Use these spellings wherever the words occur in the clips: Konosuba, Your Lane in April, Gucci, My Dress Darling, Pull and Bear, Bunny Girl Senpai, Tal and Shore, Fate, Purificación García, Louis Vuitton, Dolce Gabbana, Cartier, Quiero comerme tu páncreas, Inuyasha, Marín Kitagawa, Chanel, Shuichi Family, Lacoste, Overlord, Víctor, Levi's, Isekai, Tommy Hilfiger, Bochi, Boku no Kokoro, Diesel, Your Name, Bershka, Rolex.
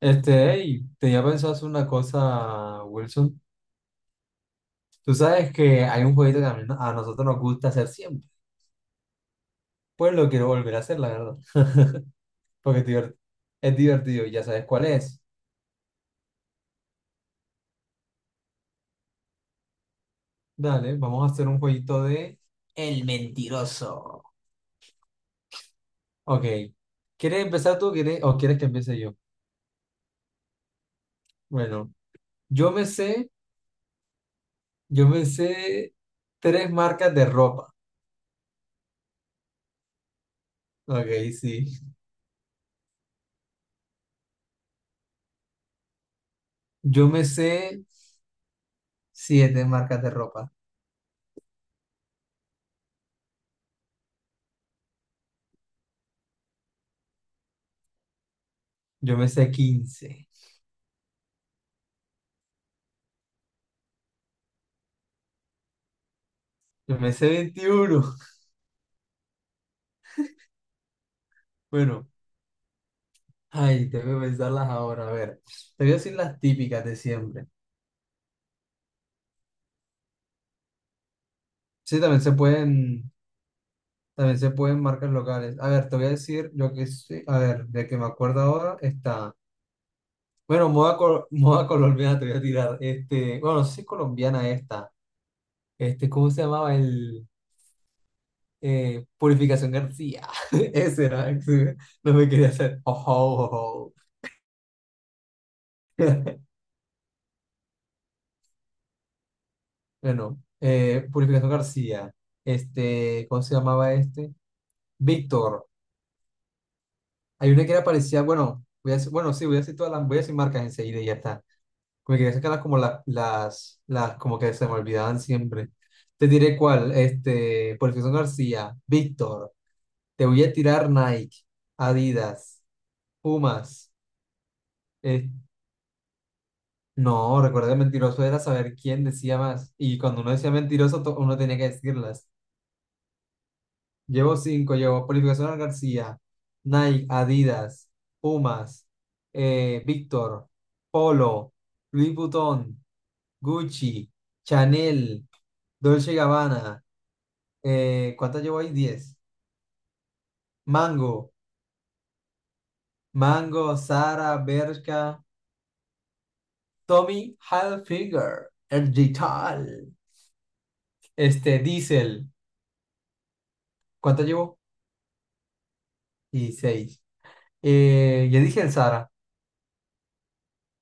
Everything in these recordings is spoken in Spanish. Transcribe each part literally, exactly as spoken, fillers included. Este, hey, tenía pensado hacer una cosa, Wilson. Tú sabes que hay un jueguito que a, mí- no, a nosotros nos gusta hacer siempre. Pues lo quiero volver a hacer, la verdad. Porque es divert- es divertido, y ya sabes cuál es. Dale, vamos a hacer un jueguito de El Mentiroso. Ok. ¿Quieres empezar tú quieres, o quieres que empiece yo? Bueno, yo me sé, yo me sé tres marcas de ropa. Ok, sí. Yo me sé siete marcas de ropa. Yo me sé quince. Yo me sé veintiuno. Bueno, ay, tengo que pensarlas ahora. A ver, te voy a decir las típicas de siempre. Sí, también se pueden, también se pueden marcas locales. A ver, te voy a decir lo que sí. A ver, de que me acuerdo ahora está. Bueno, moda, col- moda colombiana te voy a tirar. Este, bueno, no sé si es colombiana esta. Este, ¿cómo se llamaba el eh, Purificación García? Ese era, ese, no me quería hacer. Ojo, ojo. Bueno, eh, Purificación García, este, ¿cómo se llamaba este? Víctor. Hay una que era parecida, bueno, voy a decir- bueno, sí, voy a decir todas las, voy a decir marcas enseguida y ya está. Me quería sacarlas como la- las, las, como que se me olvidaban siempre. Te diré cuál, este, Purificación García, Víctor. Te voy a tirar Nike, Adidas, Pumas. eh, no, recuerda que mentiroso era saber quién decía más. Y cuando uno decía mentiroso, to- uno tenía que decirlas. Llevo cinco, llevo Purificación García, Nike, Adidas, Pumas, eh, Víctor, Polo, Louis Vuitton, Gucci, Chanel, Dolce Gabbana. Eh, ¿cuántas llevo ahí? Diez. Mango, Mango, Zara, Bershka, Tommy Hilfiger, el Digital este, Diesel. ¿Cuántas llevo? Y seis. Eh, ya dije el Zara.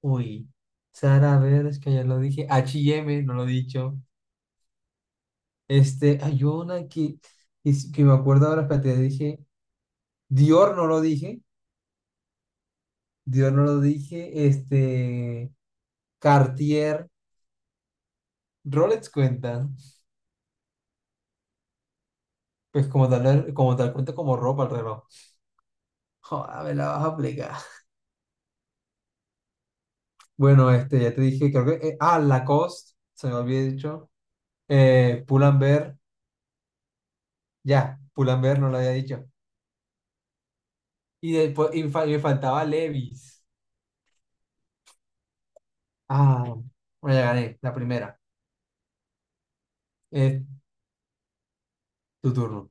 Uy, Sara, a ver, es que ya lo dije. H y M no lo he dicho. Este, hay una que, que, s- que me acuerdo ahora, espérate, dije. Dior no lo dije. Dior no lo dije. Este, Cartier, Rolex cuenta. Pues como tal, como tal cuenta como ropa el reloj. Joder, me la vas a aplicar. Bueno, este, ya te dije, creo que. eh, ah, Lacoste, se me había dicho. Eh, Pull and Bear ya, Pull and Bear no lo había dicho. Y después, y fa- y me faltaba Levi's. Ah, bueno, ya gané, la primera. Es tu turno.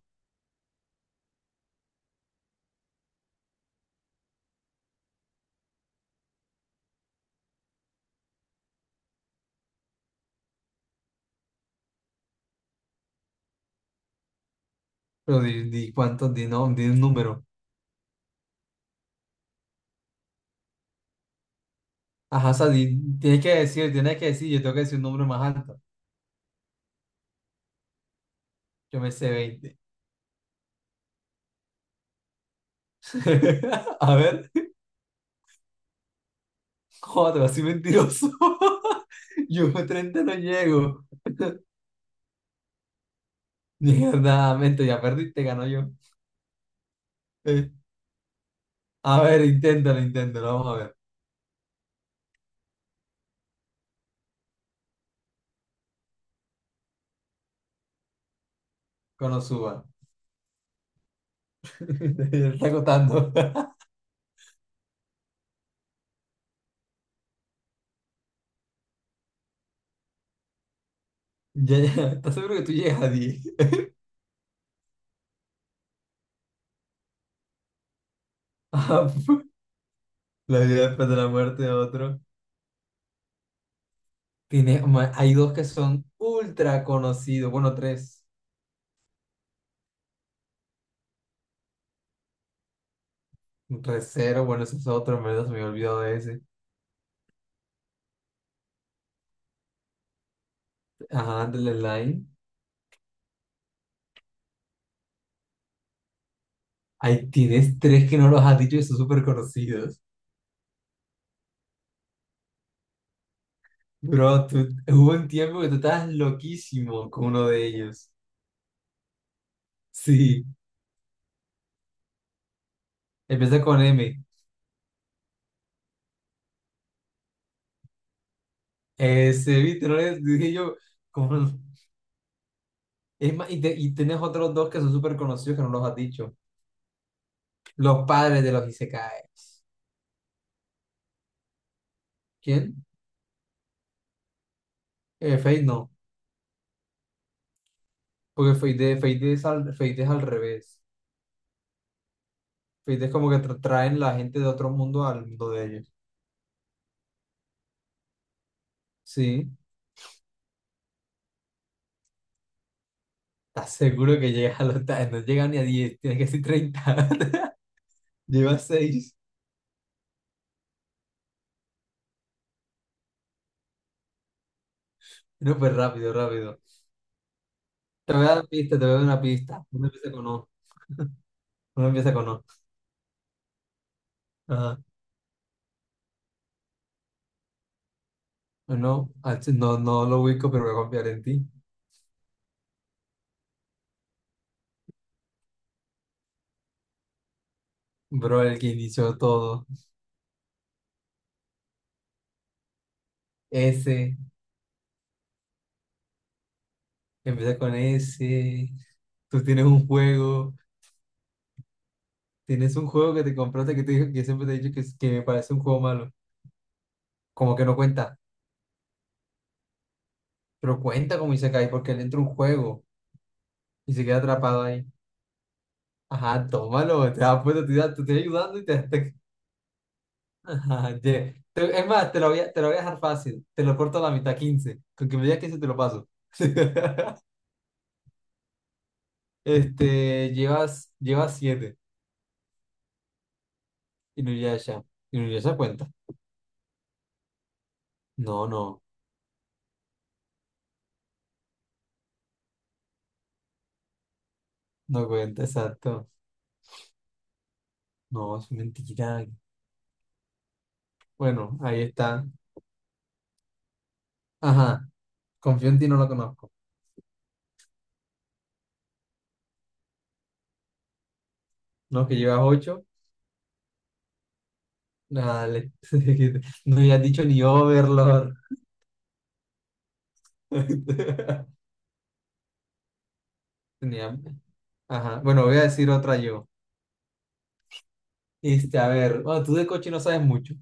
Pero di, di cuánto, di, no, di un número. Ajá, o sea, di- tienes que decir, tienes que decir, yo tengo que decir un número más alto. Yo me sé veinte. A ver, joder, así mentiroso. Yo a treinta no llego. Mierda, mente, ya perdiste, ganó yo. Eh, a ver, inténtalo, inténtalo, vamos a ver. Cuando suba. Te está agotando. Ya, ya, ¿estás seguro que tú llegas a diez? Ah, la vida después de la muerte de otro. Tiene, ma- hay dos que son ultra conocidos. Bueno, tres. Recero, bueno, ese es otro, en verdad se me había olvidado de ese. Ajá, de la Line. Ahí tienes tres que no los has dicho y son súper conocidos. Bro, tú- hubo un tiempo que tú estabas loquísimo con uno de ellos. Sí, empieza con M. Ese, viste, no le dije yo. Como es más, y, te- y tienes otros dos que son súper conocidos que no los has dicho. Los padres de los Isekai. ¿Quién? Eh, Fate, no. Porque Fate, Fate es al, Fate es al revés. Fate es como que tra- traen la gente de otro mundo al mundo de ellos. Sí. ¿Estás seguro que llegas a los... ta- no llega ni a diez, tienes que ser treinta? Llevas seis. No, pues rápido, rápido. Te voy a dar una pista, te voy a dar una pista. Uno empieza con O. Uno empieza con O. Ajá. No, ah, sí, no, no lo ubico, pero voy a confiar en ti. Bro, el que inició todo. S. Empieza con S. Tú tienes un juego. Tienes un juego que te compraste que te dijo, que siempre te he dicho que, es- que me parece un juego malo. Como que no cuenta. Pero cuenta como Isekai porque le entra un juego y se queda atrapado ahí. Ajá, tómalo, te das cuenta, te, da- te estoy ayudando y te... te- Ajá, ye- te- es más, te lo voy a, te lo voy a dejar fácil. Te lo corto a la mitad, quince. Con que me digas quince te lo paso. Este, llevas, llevas siete. Inuyasha. Inuyasha cuenta. No, no, no cuenta, exacto. No, es mentira. Bueno, ahí está. Ajá. Confío en ti, no lo conozco. No, que llevas ocho. Dale. No me has dicho ni Overlord. Tenía. Ajá. Bueno, voy a decir otra yo. Este, a ver, bueno, tú de coche no sabes mucho.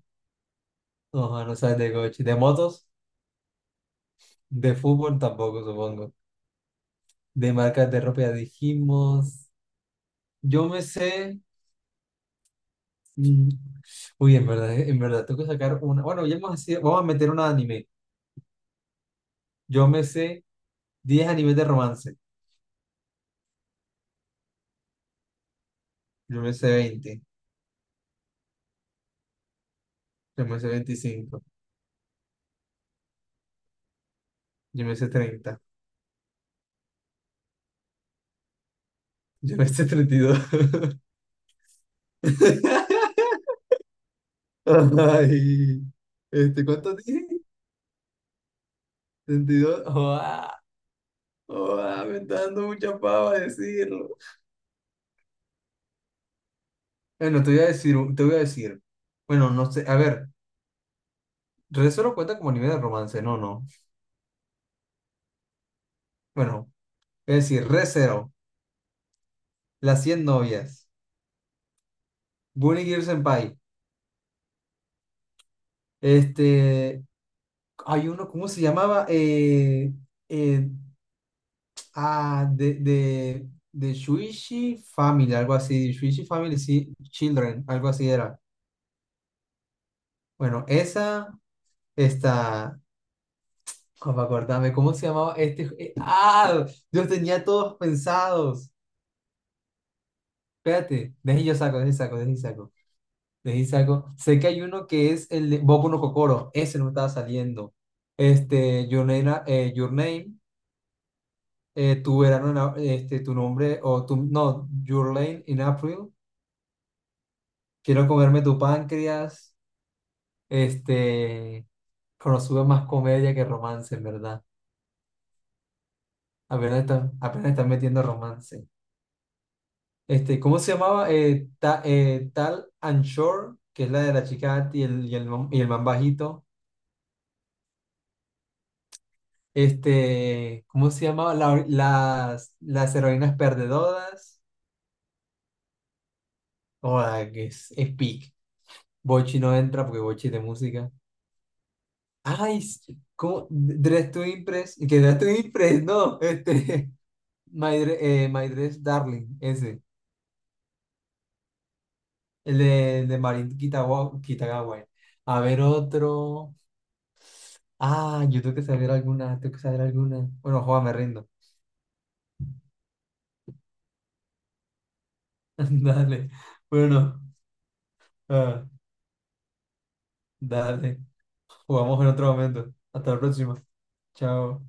No, no no sabes de coche. De motos, de fútbol tampoco, supongo. De marcas de ropa ya dijimos. Yo me sé. Mm, uy, en verdad, en verdad, tengo que sacar una. Bueno, ya hemos sido- vamos a meter una de anime. Yo me sé diez animes de romance. Yo me sé veinte. Yo me sé veinticinco. Yo me sé treinta. Yo me sé treinta y dos. Ay, este, ¿cuánto dije? treinta y dos. Joa, joa, me está dando mucha pava decirlo. Bueno, te voy a decir, un- te voy a decir. Bueno, no sé, a ver, re cero cuenta como nivel de romance, no, no. Bueno, es decir, re cero, las cien novias, Bunny Girl Senpai, este, hay uno, ¿cómo se llamaba? Eh, eh, Ah, de, de, de Shuichi Family, algo así. Shuichi Family sí, Children, algo así era. Bueno, esa está. ¿Cómo acordarme? ¿Cómo se llamaba este? ju- eh, ¡Ah! Yo los tenía todos pensados. Espérate, deje yo saco, deje saco, deje saco. Deje saco. Sé que hay uno que es el de Boku no Kokoro. Ese no me estaba saliendo. Este, Your Name, na- eh, Your Name, eh, tu verano, en a- este, tu nombre, o tu, no, Your Lane in April. Quiero comerme tu páncreas. Este, Konosuba es más comedia que romance, en verdad. Apenas están, apenas están metiendo romance. Este, ¿cómo se llamaba? Eh, Ta- eh, Tal and Shore, que es la de la chica alta y el, y el, man- y el man bajito. Este, ¿cómo se llamaba? La- las, las heroínas perdedoras. Joda, que es, es peak. Bochi no entra porque Bochi es de música. Ay, s- ¿cómo? Dress to Impress. Que Dress to Impress, no. Este, My, Dre- eh, My Dress Darling, ese. El de, de Marín Kitagawa, Kitagawa. A ver otro. Ah, yo tengo que saber alguna, tengo que saber alguna. Bueno, juega, me rindo. Dale. Bueno, ah, dale. Jugamos en otro momento. Hasta la próxima. Chao.